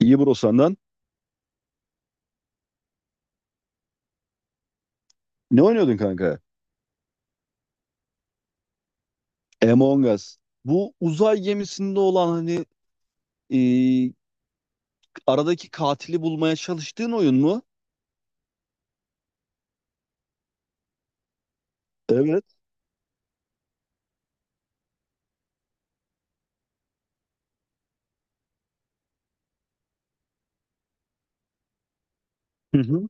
İyi bro, senden. Ne oynuyordun kanka? Among Us. Bu uzay gemisinde olan hani e, aradaki katili bulmaya çalıştığın oyun mu? Evet. Hı hı.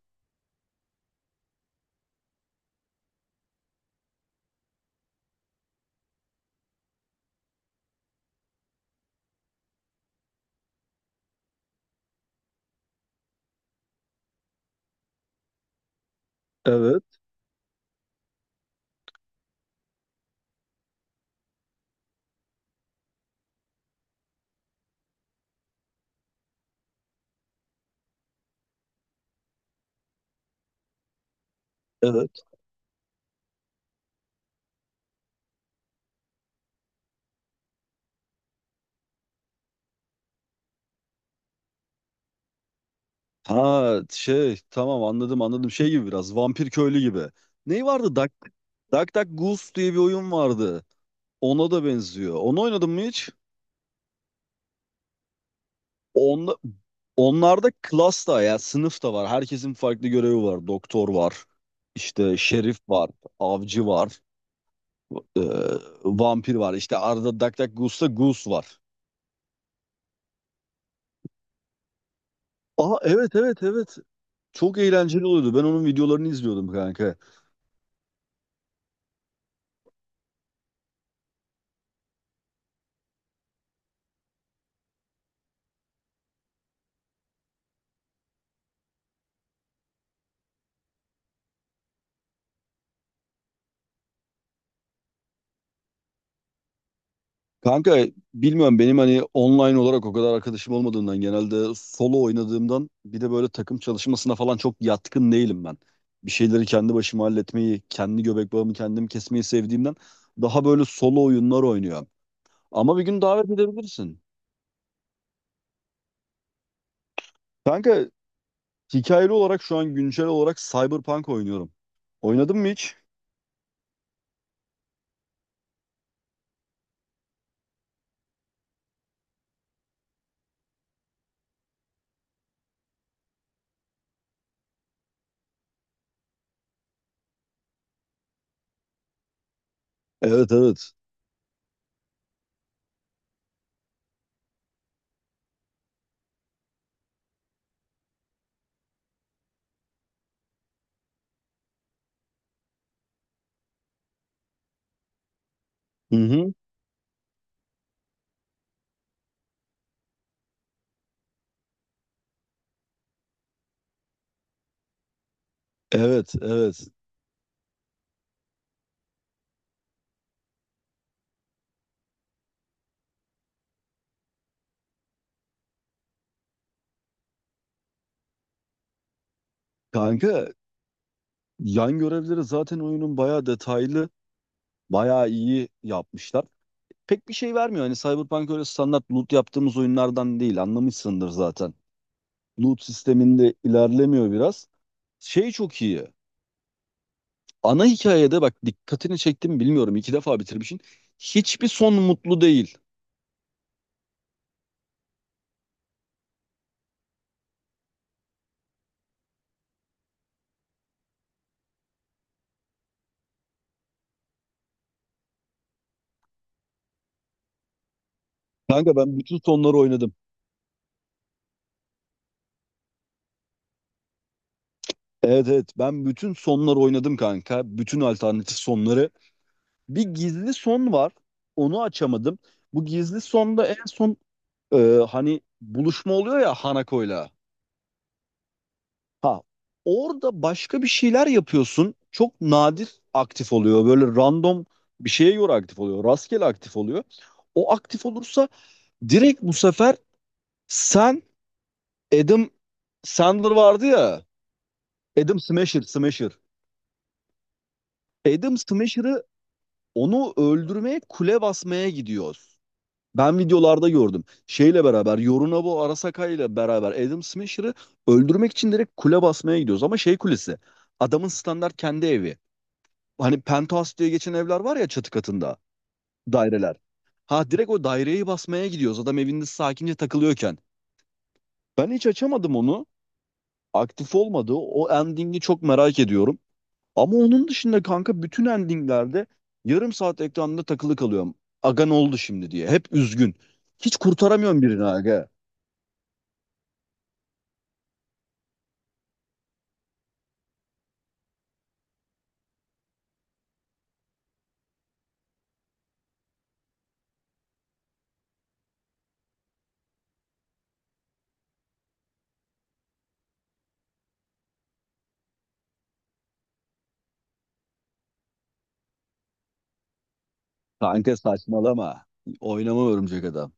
Evet. Evet. Ha şey, tamam, anladım anladım. Şey gibi, biraz vampir köylü gibi. Ney vardı? Duck Duck Goose diye bir oyun vardı. Ona da benziyor. Onu oynadın mı hiç? Onda, onlarda klas da ya sınıf da var. Herkesin farklı görevi var. Doktor var. İşte şerif var. Avcı var. e, Vampir var. İşte Arda DuckDuckGoos'ta Goose var. Aa, evet evet evet. Çok eğlenceli oluyordu. Ben onun videolarını izliyordum kanka. Kanka, bilmiyorum, benim hani online olarak o kadar arkadaşım olmadığından, genelde solo oynadığımdan, bir de böyle takım çalışmasına falan çok yatkın değilim ben. Bir şeyleri kendi başıma halletmeyi, kendi göbek bağımı kendim kesmeyi sevdiğimden daha böyle solo oyunlar oynuyorum. Ama bir gün davet edebilirsin. Kanka, hikayeli olarak şu an güncel olarak Cyberpunk oynuyorum. Oynadın mı hiç? Evet evet. Hı hı. Evet evet. Kanka yan görevleri zaten, oyunun bayağı detaylı, bayağı iyi yapmışlar. Pek bir şey vermiyor. Hani Cyberpunk öyle standart loot yaptığımız oyunlardan değil. Anlamışsındır zaten. Loot sisteminde ilerlemiyor biraz. Şey çok iyi. Ana hikayede bak dikkatini çektim, bilmiyorum, iki defa bitirmişsin. Hiçbir son mutlu değil. Kanka ben bütün sonları oynadım. Evet evet, ben bütün sonları oynadım kanka. Bütün alternatif sonları. Bir gizli son var. Onu açamadım. Bu gizli sonda en son e, hani buluşma oluyor ya Hanako'yla. Ha, orada başka bir şeyler yapıyorsun. Çok nadir aktif oluyor. Böyle random bir şeye göre aktif oluyor. Rastgele aktif oluyor. O aktif olursa direkt bu sefer sen Adam Sandler vardı ya. Adam Smasher, Smasher. Adam Smasher'ı, onu öldürmeye kule basmaya gidiyor. Ben videolarda gördüm. Şeyle beraber, Yorunabu Arasaka ile beraber Adam Smasher'ı öldürmek için direkt kule basmaya gidiyoruz. Ama şey kulesi. Adamın standart kendi evi. Hani penthouse diye geçen evler var ya, çatı katında. Daireler. Ha, direkt o daireyi basmaya gidiyoruz. Adam evinde sakince takılıyorken. Ben hiç açamadım onu. Aktif olmadı. O endingi çok merak ediyorum. Ama onun dışında kanka bütün endinglerde yarım saat ekranda takılı kalıyorum. Aga, ne oldu şimdi diye. Hep üzgün. Hiç kurtaramıyorum birini aga. Kanka, saçmalama. Oynama örümcek adam.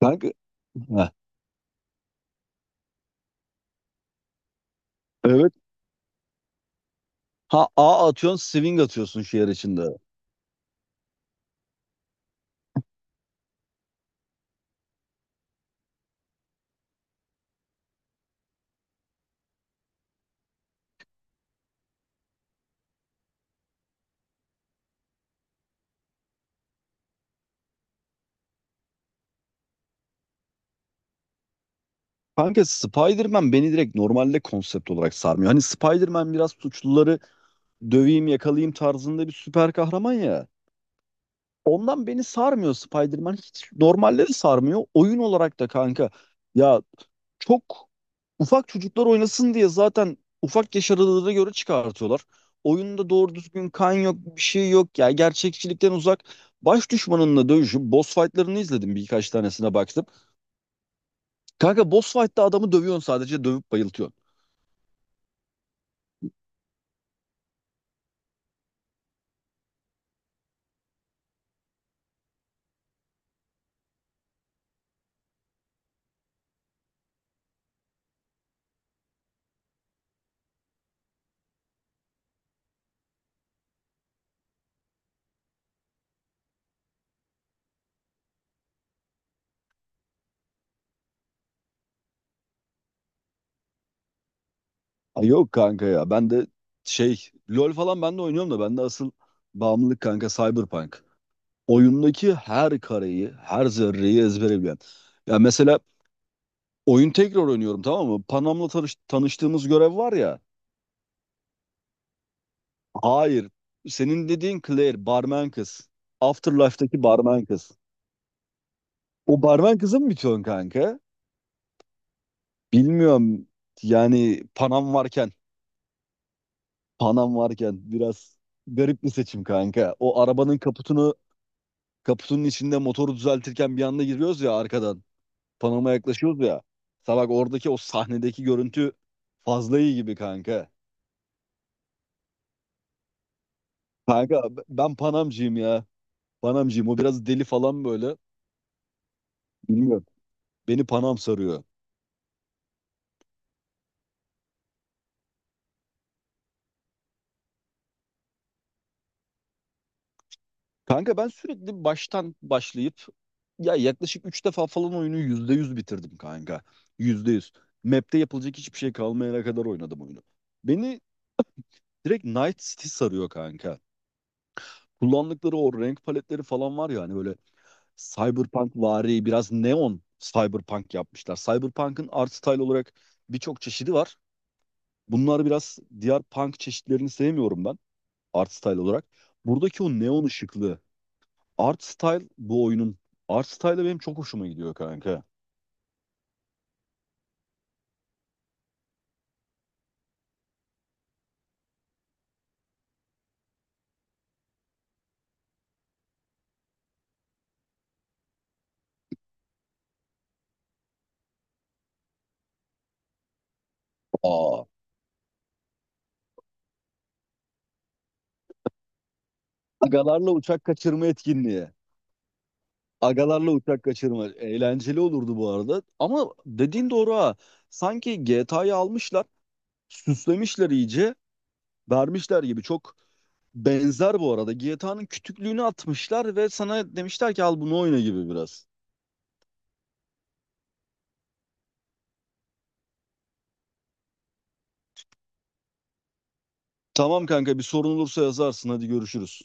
Kanka, Heh, evet. Ha, A atıyorsun, swing atıyorsun şehir içinde. Kanka Spider-Man beni direkt normalde konsept olarak sarmıyor. Hani Spider-Man biraz suçluları döveyim, yakalayayım tarzında bir süper kahraman ya. Ondan beni sarmıyor Spider-Man. Hiç normalde de sarmıyor. Oyun olarak da kanka. Ya, çok ufak çocuklar oynasın diye zaten ufak yaş aralığına göre çıkartıyorlar. Oyunda doğru düzgün kan yok, bir şey yok. Ya gerçekçilikten uzak. Baş düşmanınla dövüşüp boss fight'larını izledim, birkaç tanesine baktım. Kanka boss fight'ta adamı dövüyorsun, sadece dövüp bayıltıyorsun. Ay yok kanka ya. Ben de şey, LoL falan ben de oynuyorum da, ben de asıl bağımlılık kanka Cyberpunk. Oyundaki her kareyi, her zerreyi ezbere bilen. Ya mesela oyun tekrar oynuyorum, tamam mı? Panam'la tanıştığımız görev var ya. Hayır. Senin dediğin Claire, barmen kız. Afterlife'daki barmen kız. O barmen kızı mı bitiyorsun kanka? Bilmiyorum. Yani Panam varken, biraz garip bir seçim kanka. O arabanın kaputunu, kaputunun içinde motoru düzeltirken bir anda giriyoruz ya arkadan. Panama yaklaşıyoruz ya. Mesela bak, oradaki o sahnedeki görüntü fazla iyi gibi kanka. Kanka ben Panamcıyım ya. Panamcıyım. O biraz deli falan böyle. Bilmiyorum. Beni Panam sarıyor. Kanka ben sürekli baştan başlayıp, ya yaklaşık 3 defa falan oyunu %100 bitirdim kanka. %100. Map'te yapılacak hiçbir şey kalmayana kadar oynadım oyunu. Beni direkt Night City sarıyor kanka. Kullandıkları o renk paletleri falan var ya, hani böyle Cyberpunk vari, biraz neon cyberpunk yapmışlar. Cyberpunk'ın art style olarak birçok çeşidi var. Bunlar biraz, diğer punk çeşitlerini sevmiyorum ben art style olarak. Buradaki o neon ışıklı art style, bu oyunun art style'ı benim çok hoşuma gidiyor kanka. Aa, agalarla uçak kaçırma etkinliği. Agalarla uçak kaçırma eğlenceli olurdu bu arada. Ama dediğin doğru ha. Sanki GTA'yı almışlar, süslemişler iyice, vermişler gibi çok benzer bu arada. GTA'nın kütüklüğünü atmışlar ve sana demişler ki al bunu oyna gibi biraz. Tamam kanka, bir sorun olursa yazarsın, hadi görüşürüz.